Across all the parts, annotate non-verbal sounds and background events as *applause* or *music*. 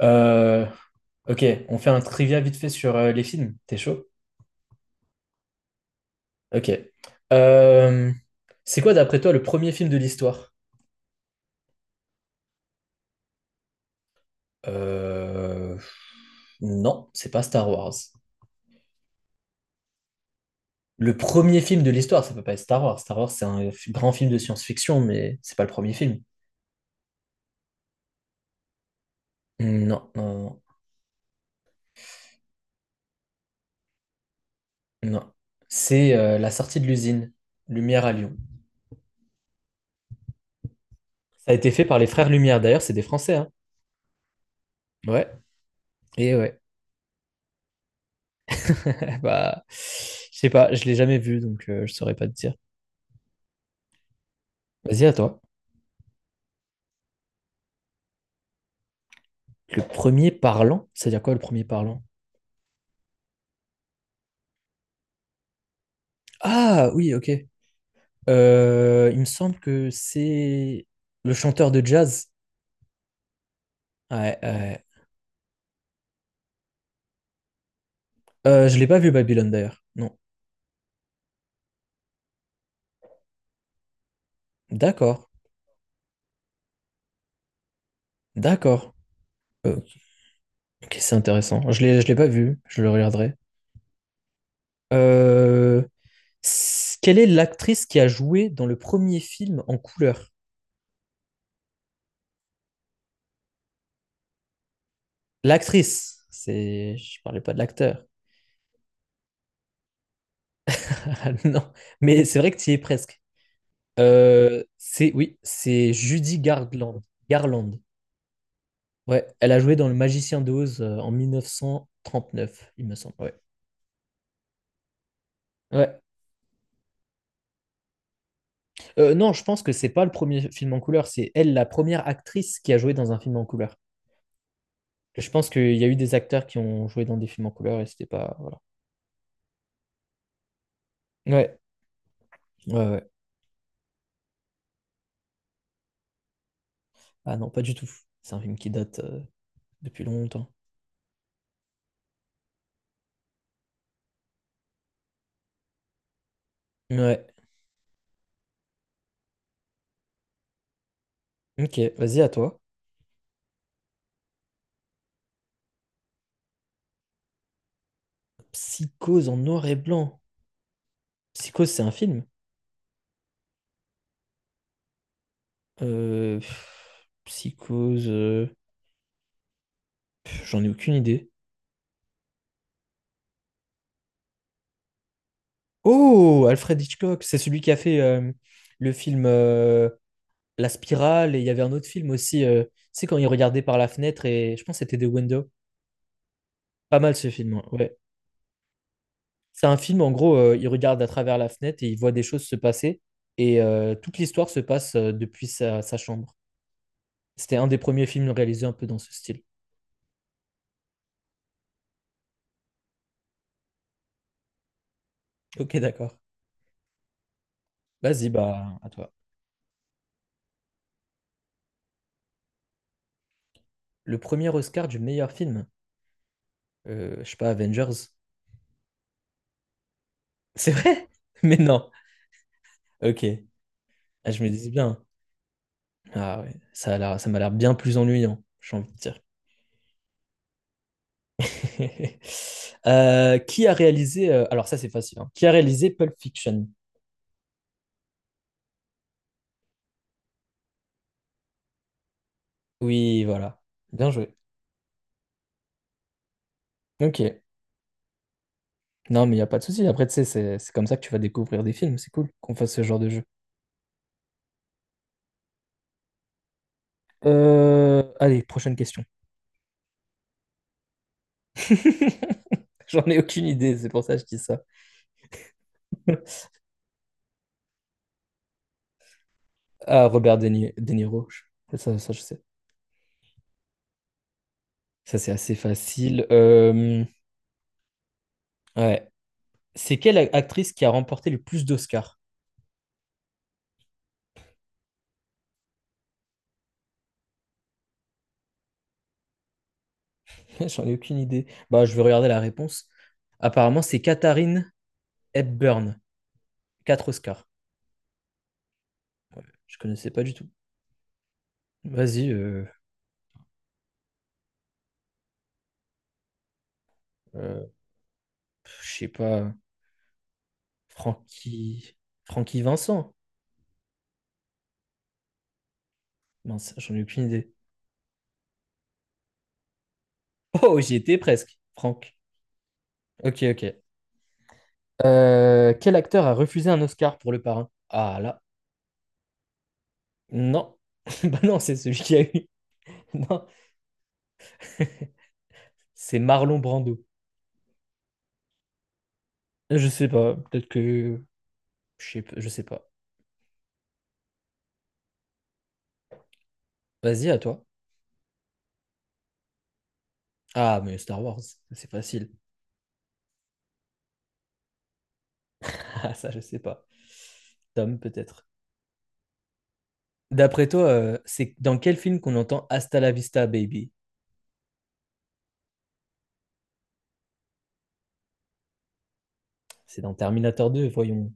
Euh, ok, on fait un trivia vite fait sur les films. T'es chaud? Ok. Euh, c'est quoi, d'après toi, le premier film de l'histoire? Euh, non, c'est pas Star Wars. Le premier film de l'histoire, ça peut pas être Star Wars. Star Wars, c'est un grand film de science-fiction, mais c'est pas le premier film. Non, non, non, non. C'est la sortie de l'usine Lumière à Lyon. Ça a été fait par les frères Lumière. D'ailleurs, c'est des Français, hein. Ouais. Et ouais. *laughs* Bah, je sais pas, je l'ai jamais vu, donc je saurais pas te dire. Vas-y, à toi. Le premier parlant, c'est-à-dire quoi le premier parlant? Ah oui, ok. Il me semble que c'est le chanteur de jazz. Ouais, ouais. Je l'ai pas vu Babylone d'ailleurs. Non. D'accord. D'accord. Euh, ok, c'est intéressant. Je l'ai pas vu. Je le regarderai. Euh, Quelle est l'actrice qui a joué dans le premier film en couleur? L'actrice. C'est. Je parlais pas de l'acteur. *laughs* Non. Mais c'est vrai que tu y es presque. C'est Oui, c'est Judy Garland. Garland. Ouais, elle a joué dans Le Magicien d'Oz en 1939, il me semble. Ouais. Ouais. Non, je pense que c'est pas le premier film en couleur, c'est elle la première actrice qui a joué dans un film en couleur. Je pense qu'il y a eu des acteurs qui ont joué dans des films en couleur et c'était pas voilà. Ouais. Ouais, ouais. Ah non, pas du tout. C'est un film qui date depuis longtemps. Ouais. Ok, vas-y à toi. Psychose en noir et blanc. Psychose, c'est un film? Psychose. J'en ai aucune idée. Oh, Alfred Hitchcock, c'est celui qui a fait le film La Spirale, et il y avait un autre film aussi, tu sais, quand il regardait par la fenêtre, et je pense que c'était The Window. Pas mal ce film, hein, ouais. C'est un film, en gros, il regarde à travers la fenêtre et il voit des choses se passer, et toute l'histoire se passe depuis sa chambre. C'était un des premiers films réalisés un peu dans ce style. Ok, d'accord. Vas-y, bah, à toi. Le premier Oscar du meilleur film. Je sais pas, Avengers. C'est vrai? *laughs* Mais non. Ok. Ah, je me disais bien. Ah ouais, ça m'a l'air bien plus ennuyant, j'ai envie de dire. *laughs* Qui a réalisé... alors ça, c'est facile, hein. Qui a réalisé Pulp Fiction? Oui, voilà. Bien joué. Ok. Non, mais il n'y a pas de souci. Après, tu sais, c'est comme ça que tu vas découvrir des films. C'est cool qu'on fasse ce genre de jeu. Allez, prochaine question. *laughs* J'en ai aucune idée, c'est pour ça que je dis ça. *laughs* Ah, Robert De Ni- De Niro. Ça, je sais. Ça, c'est assez facile. Ouais. C'est quelle actrice qui a remporté le plus d'Oscars? *laughs* J'en ai aucune idée. Bah, je vais regarder la réponse. Apparemment, c'est Katharine Hepburn, 4 Oscars. Je connaissais pas du tout. Vas-y, euh, je sais pas. Francky... Francky Vincent. Mince, j'en ai aucune idée. Oh, j'y étais presque. Franck. Ok, ok. Quel acteur a refusé un Oscar pour Le Parrain? Ah là. Non. *laughs* Bah non, c'est celui qui a eu. *laughs* Non. C'est Marlon Brando. Je sais pas, peut-être que. Je sais pas. Vas-y, à toi. Ah, mais Star Wars, c'est facile. *laughs* Ah, ça, je sais pas. Tom, peut-être. D'après toi, c'est dans quel film qu'on entend Hasta la vista, baby? C'est dans Terminator 2, voyons.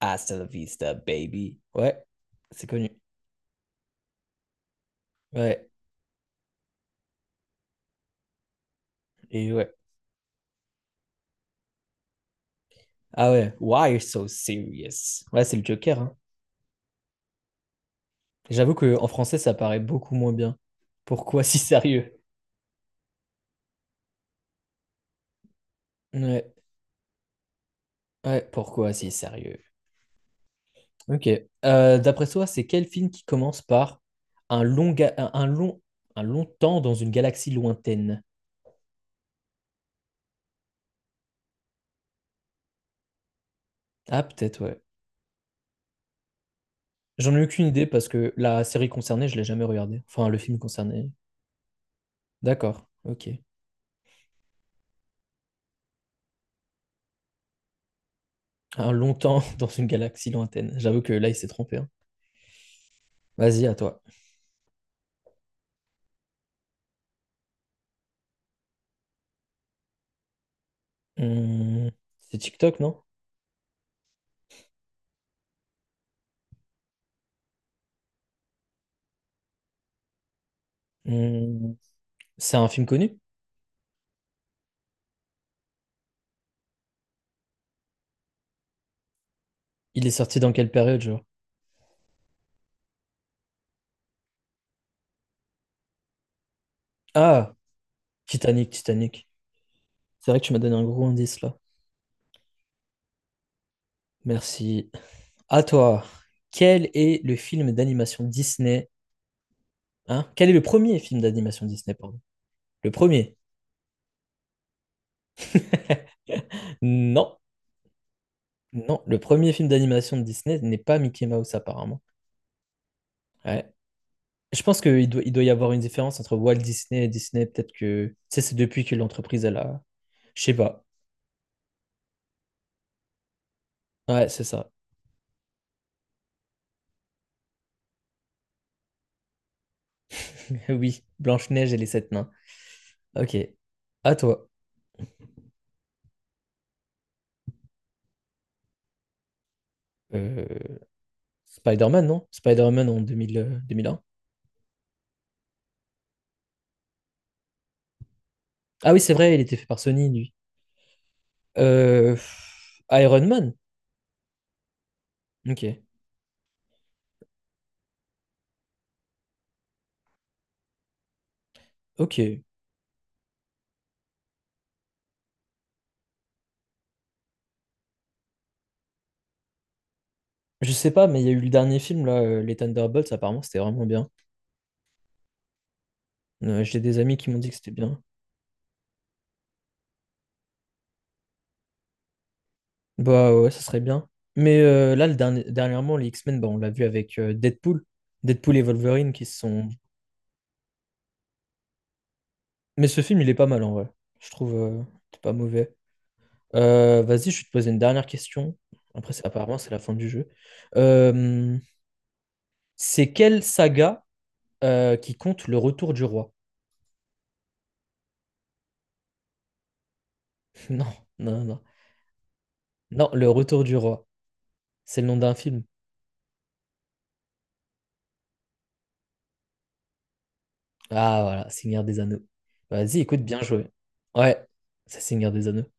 Hasta la vista, baby. Ouais, c'est connu. Ouais, et ouais. Ah ouais, why you're so serious? Ouais, c'est le Joker, hein. J'avoue qu'en français, ça paraît beaucoup moins bien. Pourquoi si sérieux? Ouais, ouais, pourquoi si sérieux? Ok. D'après toi, c'est quel film qui commence par un long, ga- un long temps dans une galaxie lointaine? Ah, peut-être, ouais. J'en ai aucune idée parce que la série concernée, je l'ai jamais regardée. Enfin, le film concerné. D'accord, ok. Un long temps *laughs* dans une galaxie lointaine. J'avoue que là, il s'est trompé, hein. Vas-y, à toi. Hum, c'est TikTok, non? Hum, c'est un film connu? Il est sorti dans quelle période, genre? Ah, Titanic, Titanic. C'est vrai que tu m'as donné un gros indice là. Merci. À toi, quel est le film d'animation Disney? Hein? Quel est le premier film d'animation Disney, pardon? Le premier. Non, non, le premier film d'animation de Disney n'est pas Mickey Mouse apparemment. Ouais. Je pense qu'il doit y avoir une différence entre Walt Disney et Disney. Peut-être que, tu sais, c'est depuis que l'entreprise, elle a... Je sais pas. Ouais, c'est ça. *laughs* Oui, Blanche-Neige et les sept nains. Ok. À toi. Euh, Spider-Man, non? Spider-Man en 2000, 2001. Ah oui, c'est vrai, il était fait par Sony, lui. Euh, Iron Man. Ok, ok. Je sais pas, mais il y a eu le dernier film, là, les Thunderbolts, apparemment, c'était vraiment bien. J'ai des amis qui m'ont dit que c'était bien. Bah ouais, ça serait bien. Mais là, dernièrement, les X-Men, bah, on l'a vu avec Deadpool. Deadpool et Wolverine qui se sont... Mais ce film, il est pas mal, en vrai. Je trouve c'est pas mauvais. Vas-y, je vais te poser une dernière question. Après, apparemment, c'est la fin du jeu. Euh, c'est quelle saga qui compte le retour du roi? *laughs* Non, non, non. Non, Le Retour du Roi. C'est le nom d'un film. Ah voilà, Seigneur des Anneaux. Vas-y, écoute, bien joué. Ouais, c'est Seigneur des Anneaux.